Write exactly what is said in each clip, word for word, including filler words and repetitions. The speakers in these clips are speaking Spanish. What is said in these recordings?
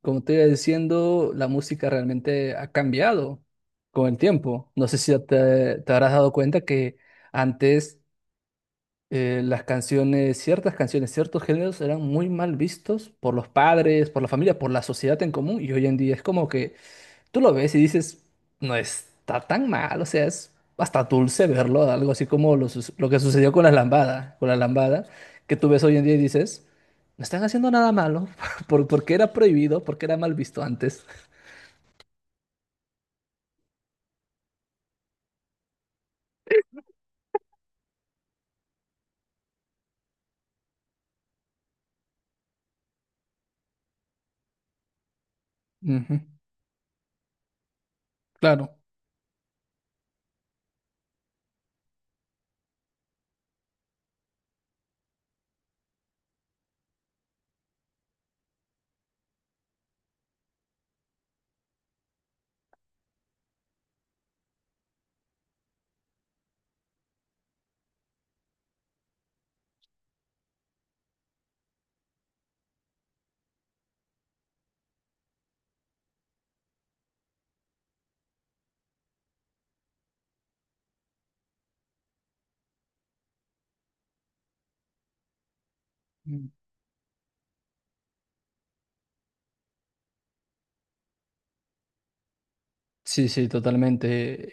Como te iba diciendo, la música realmente ha cambiado con el tiempo. No sé si ya te, te habrás dado cuenta que antes eh, las canciones, ciertas canciones, ciertos géneros eran muy mal vistos por los padres, por la familia, por la sociedad en común y hoy en día es como que tú lo ves y dices, no está tan mal, o sea, es hasta dulce verlo, algo así como lo, sus- lo que sucedió con la lambada, con la lambada, que tú ves hoy en día y dices, no están haciendo nada malo, por, porque era prohibido, porque era mal visto antes. Ujú. Claro. Sí, sí, totalmente.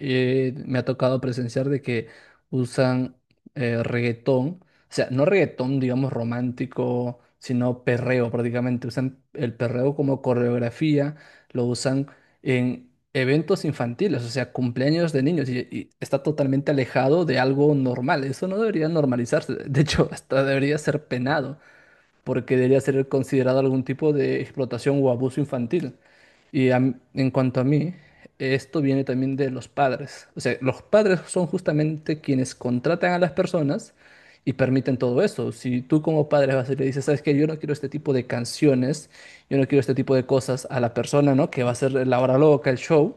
Eh, me ha tocado presenciar de que usan eh, reggaetón, o sea, no reggaetón, digamos, romántico, sino perreo prácticamente. Usan el perreo como coreografía, lo usan en eventos infantiles, o sea, cumpleaños de niños, y, y está totalmente alejado de algo normal. Eso no debería normalizarse, de hecho, hasta debería ser penado porque debería ser considerado algún tipo de explotación o abuso infantil. Y a m- en cuanto a mí, esto viene también de los padres. O sea, los padres son justamente quienes contratan a las personas y permiten todo eso. Si tú como padre vas y le dices: ¿sabes que yo no quiero este tipo de canciones, yo no quiero este tipo de cosas a la persona, ¿no? Que va a ser la hora loca, el show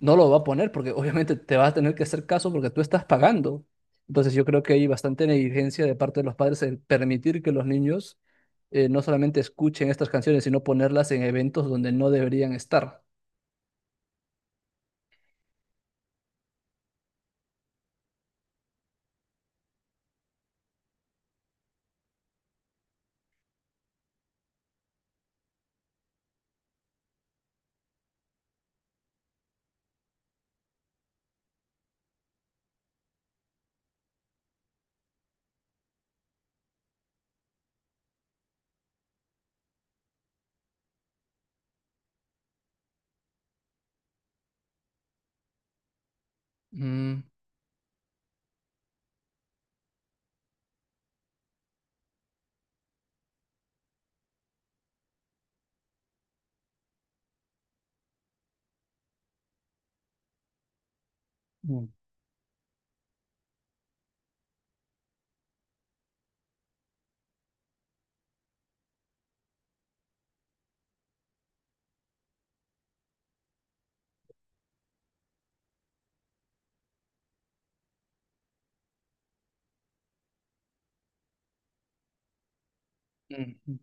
no lo va a poner porque obviamente te vas a tener que hacer caso porque tú estás pagando. Entonces yo creo que hay bastante negligencia de parte de los padres en permitir que los niños eh, no solamente escuchen estas canciones, sino ponerlas en eventos donde no deberían estar. Mm. Mm. Mm.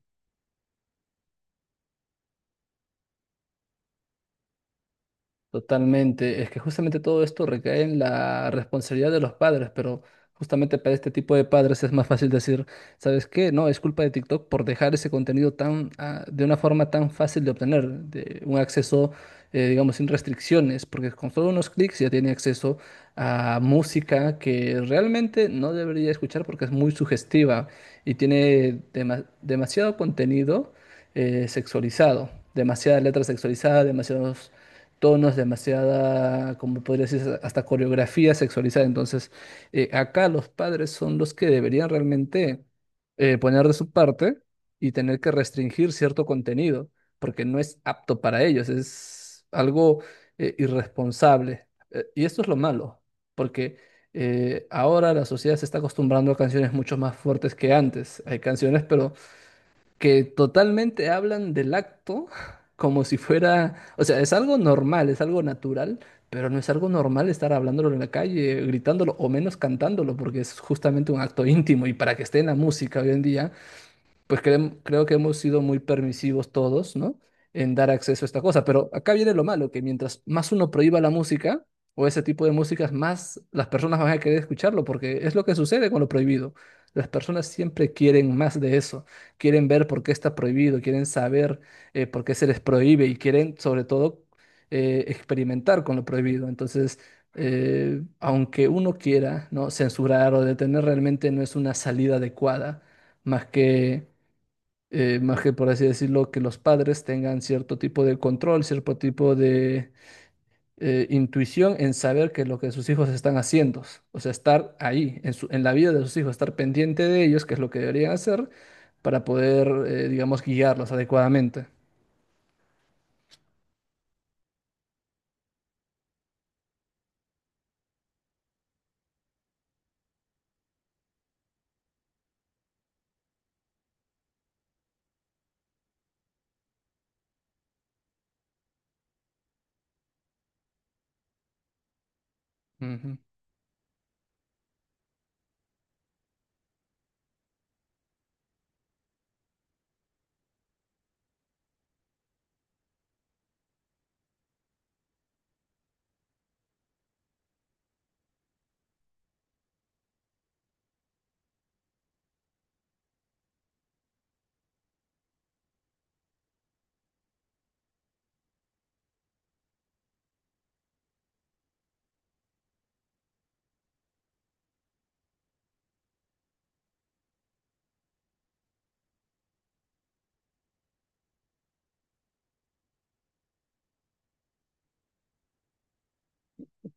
Totalmente. Es que justamente todo esto recae en la responsabilidad de los padres, pero justamente para este tipo de padres es más fácil decir: ¿sabes qué? No, es culpa de TikTok por dejar ese contenido tan, ah, de una forma tan fácil de obtener, de un acceso, eh, digamos, sin restricciones, porque con solo unos clics ya tiene acceso a música que realmente no debería escuchar porque es muy sugestiva y tiene dema- demasiado contenido eh, sexualizado, demasiada letra sexualizada, demasiados tonos, demasiada, como podría decir, hasta coreografía sexualizada. Entonces, eh, acá los padres son los que deberían realmente eh, poner de su parte y tener que restringir cierto contenido, porque no es apto para ellos, es algo eh, irresponsable. Eh, y esto es lo malo, porque eh, ahora la sociedad se está acostumbrando a canciones mucho más fuertes que antes. Hay canciones, pero que totalmente hablan del acto como si fuera, o sea, es algo normal, es algo natural, pero no es algo normal estar hablándolo en la calle, gritándolo o menos cantándolo, porque es justamente un acto íntimo y para que esté en la música hoy en día pues creem- creo que hemos sido muy permisivos todos, ¿no? En dar acceso a esta cosa. Pero acá viene lo malo, que mientras más uno prohíba la música o ese tipo de músicas, más las personas van a querer escucharlo, porque es lo que sucede con lo prohibido. Las personas siempre quieren más de eso, quieren ver por qué está prohibido, quieren saber eh, por qué se les prohíbe y quieren sobre todo eh, experimentar con lo prohibido. Entonces, eh, aunque uno quiera, ¿no? Censurar o detener realmente no es una salida adecuada más que eh, más que por así decirlo, que los padres tengan cierto tipo de control, cierto tipo de eh, intuición en saber que lo que sus hijos están haciendo, o sea, estar ahí, en su- en la vida de sus hijos, estar pendiente de ellos, que es lo que deberían hacer para poder, eh, digamos, guiarlos adecuadamente. Ujú.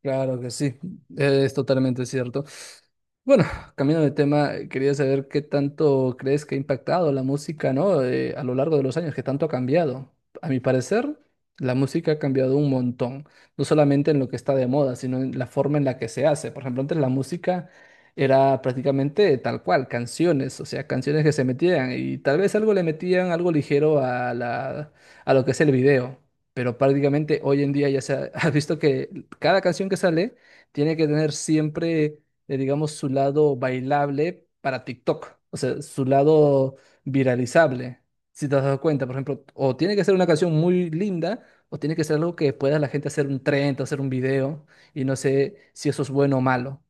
Claro que sí, es totalmente cierto. Bueno, cambiando de tema, eh, quería saber qué tanto crees que ha impactado la música, ¿no? Eh, a lo largo de los años, qué tanto ha cambiado. A mi parecer, la música ha cambiado un montón, no solamente en lo que está de moda, sino en la forma en la que se hace. Por ejemplo, antes la música era prácticamente tal cual, canciones, o sea, canciones que se metían y tal vez algo le metían, algo ligero a la, a lo que es el video. Pero prácticamente hoy en día ya se ha, has visto que cada canción que sale tiene que tener siempre, eh, digamos, su lado bailable para TikTok, o sea, su lado viralizable. Si te has dado cuenta, por ejemplo, o tiene que ser una canción muy linda, o tiene que ser algo que pueda la gente hacer un trend, hacer un video, y no sé si eso es bueno o malo.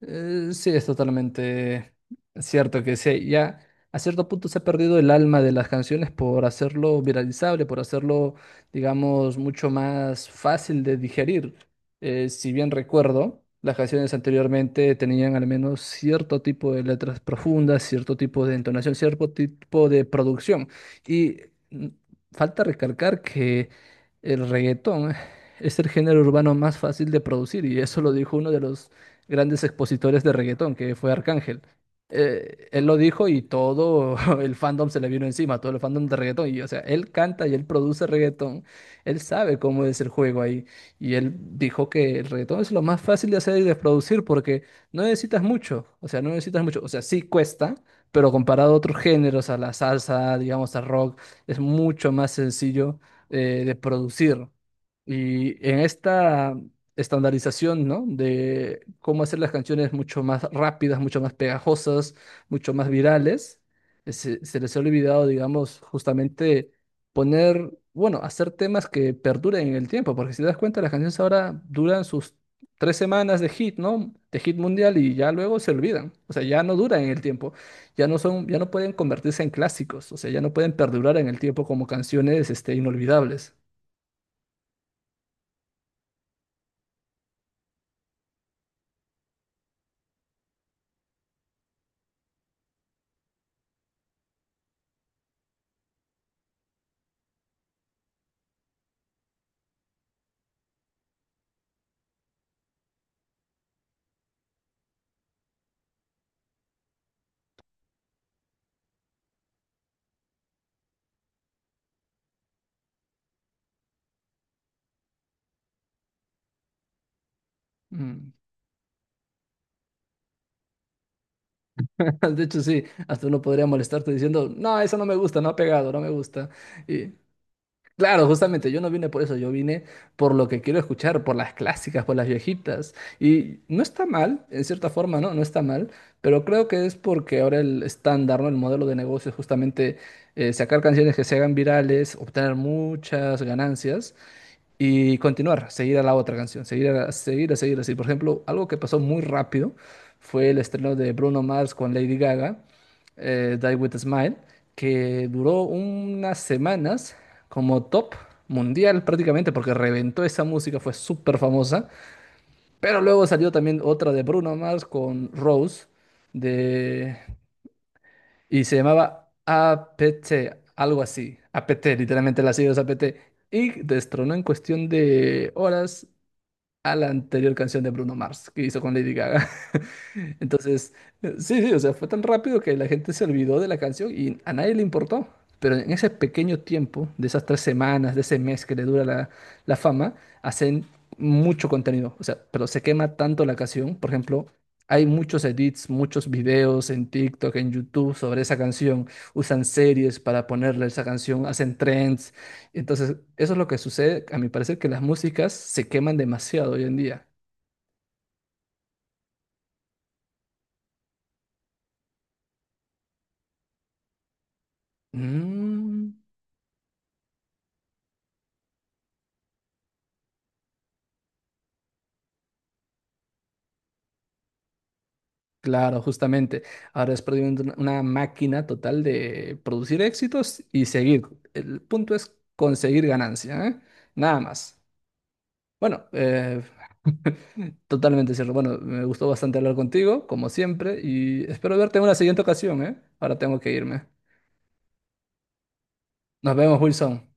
Eh, sí, es totalmente cierto que sí, ya a cierto punto se ha perdido el alma de las canciones por hacerlo viralizable, por hacerlo, digamos, mucho más fácil de digerir. Eh, si bien recuerdo, las canciones anteriormente tenían al menos cierto tipo de letras profundas, cierto tipo de entonación, cierto tipo de producción. Y mm, falta recalcar que el reggaetón es el género urbano más fácil de producir, y eso lo dijo uno de los grandes expositores de reggaetón, que fue Arcángel. Eh, él lo dijo y todo el fandom se le vino encima, todo el fandom de reggaetón. Y, o sea, él canta y él produce reggaetón, él sabe cómo es el juego ahí. Y él dijo que el reggaetón es lo más fácil de hacer y de producir porque no necesitas mucho, o sea, no necesitas mucho, o sea, sí cuesta, pero comparado a otros géneros, a la salsa, digamos, al rock, es mucho más sencillo eh, de producir. Y en esta estandarización, ¿no? De cómo hacer las canciones mucho más rápidas, mucho más pegajosas, mucho más virales. Eh, Se, se les ha olvidado, digamos, justamente poner, bueno, hacer temas que perduren en el tiempo, porque si te das cuenta, las canciones ahora duran sus tres semanas de hit, ¿no? De hit mundial y ya luego se olvidan. O sea, ya no duran en el tiempo, ya no son, ya no pueden convertirse en clásicos, o sea, ya no pueden perdurar en el tiempo como canciones, este, inolvidables. Mm. De hecho, sí, hasta uno podría molestarte diciendo, no, eso no me gusta, no ha pegado, no me gusta. Y claro, justamente yo no vine por eso, yo vine por lo que quiero escuchar, por las clásicas, por las viejitas. Y no está mal, en cierta forma, ¿no? No está mal, pero creo que es porque ahora el estándar, ¿no? El modelo de negocio es justamente eh, sacar canciones que se hagan virales, obtener muchas ganancias y continuar, seguir a la otra canción, seguir, a, seguir, a seguir así. Por ejemplo, algo que pasó muy rápido fue el estreno de Bruno Mars con Lady Gaga, eh, Die With a Smile, que duró unas semanas como top mundial prácticamente porque reventó esa música, fue súper famosa. Pero luego salió también otra de Bruno Mars con Rose de... y se llamaba A P T, algo así. A P T, literalmente las siglas A P T. Y destronó en cuestión de horas a la anterior canción de Bruno Mars que hizo con Lady Gaga. Entonces, eh, sí, sí, o sea, fue tan rápido que la gente se olvidó de la canción y a nadie le importó. Pero en ese pequeño tiempo, de esas tres semanas, de ese mes que le dura la, la fama, hacen mucho contenido. O sea, pero se quema tanto la canción. Por ejemplo, hay muchos edits, muchos videos en TikTok, en YouTube sobre esa canción. Usan series para ponerle esa canción, hacen trends. Entonces, eso es lo que sucede, a mi parecer, que las músicas se queman demasiado hoy en día. Mm, claro, justamente. Ahora es prácticamente una una máquina total de producir éxitos y seguir. El punto es conseguir ganancia, ¿eh? Nada más. Bueno, eh, totalmente cierto. Bueno, me gustó bastante hablar contigo, como siempre, y espero verte en una siguiente ocasión, ¿eh? Ahora tengo que irme. Nos vemos, Wilson.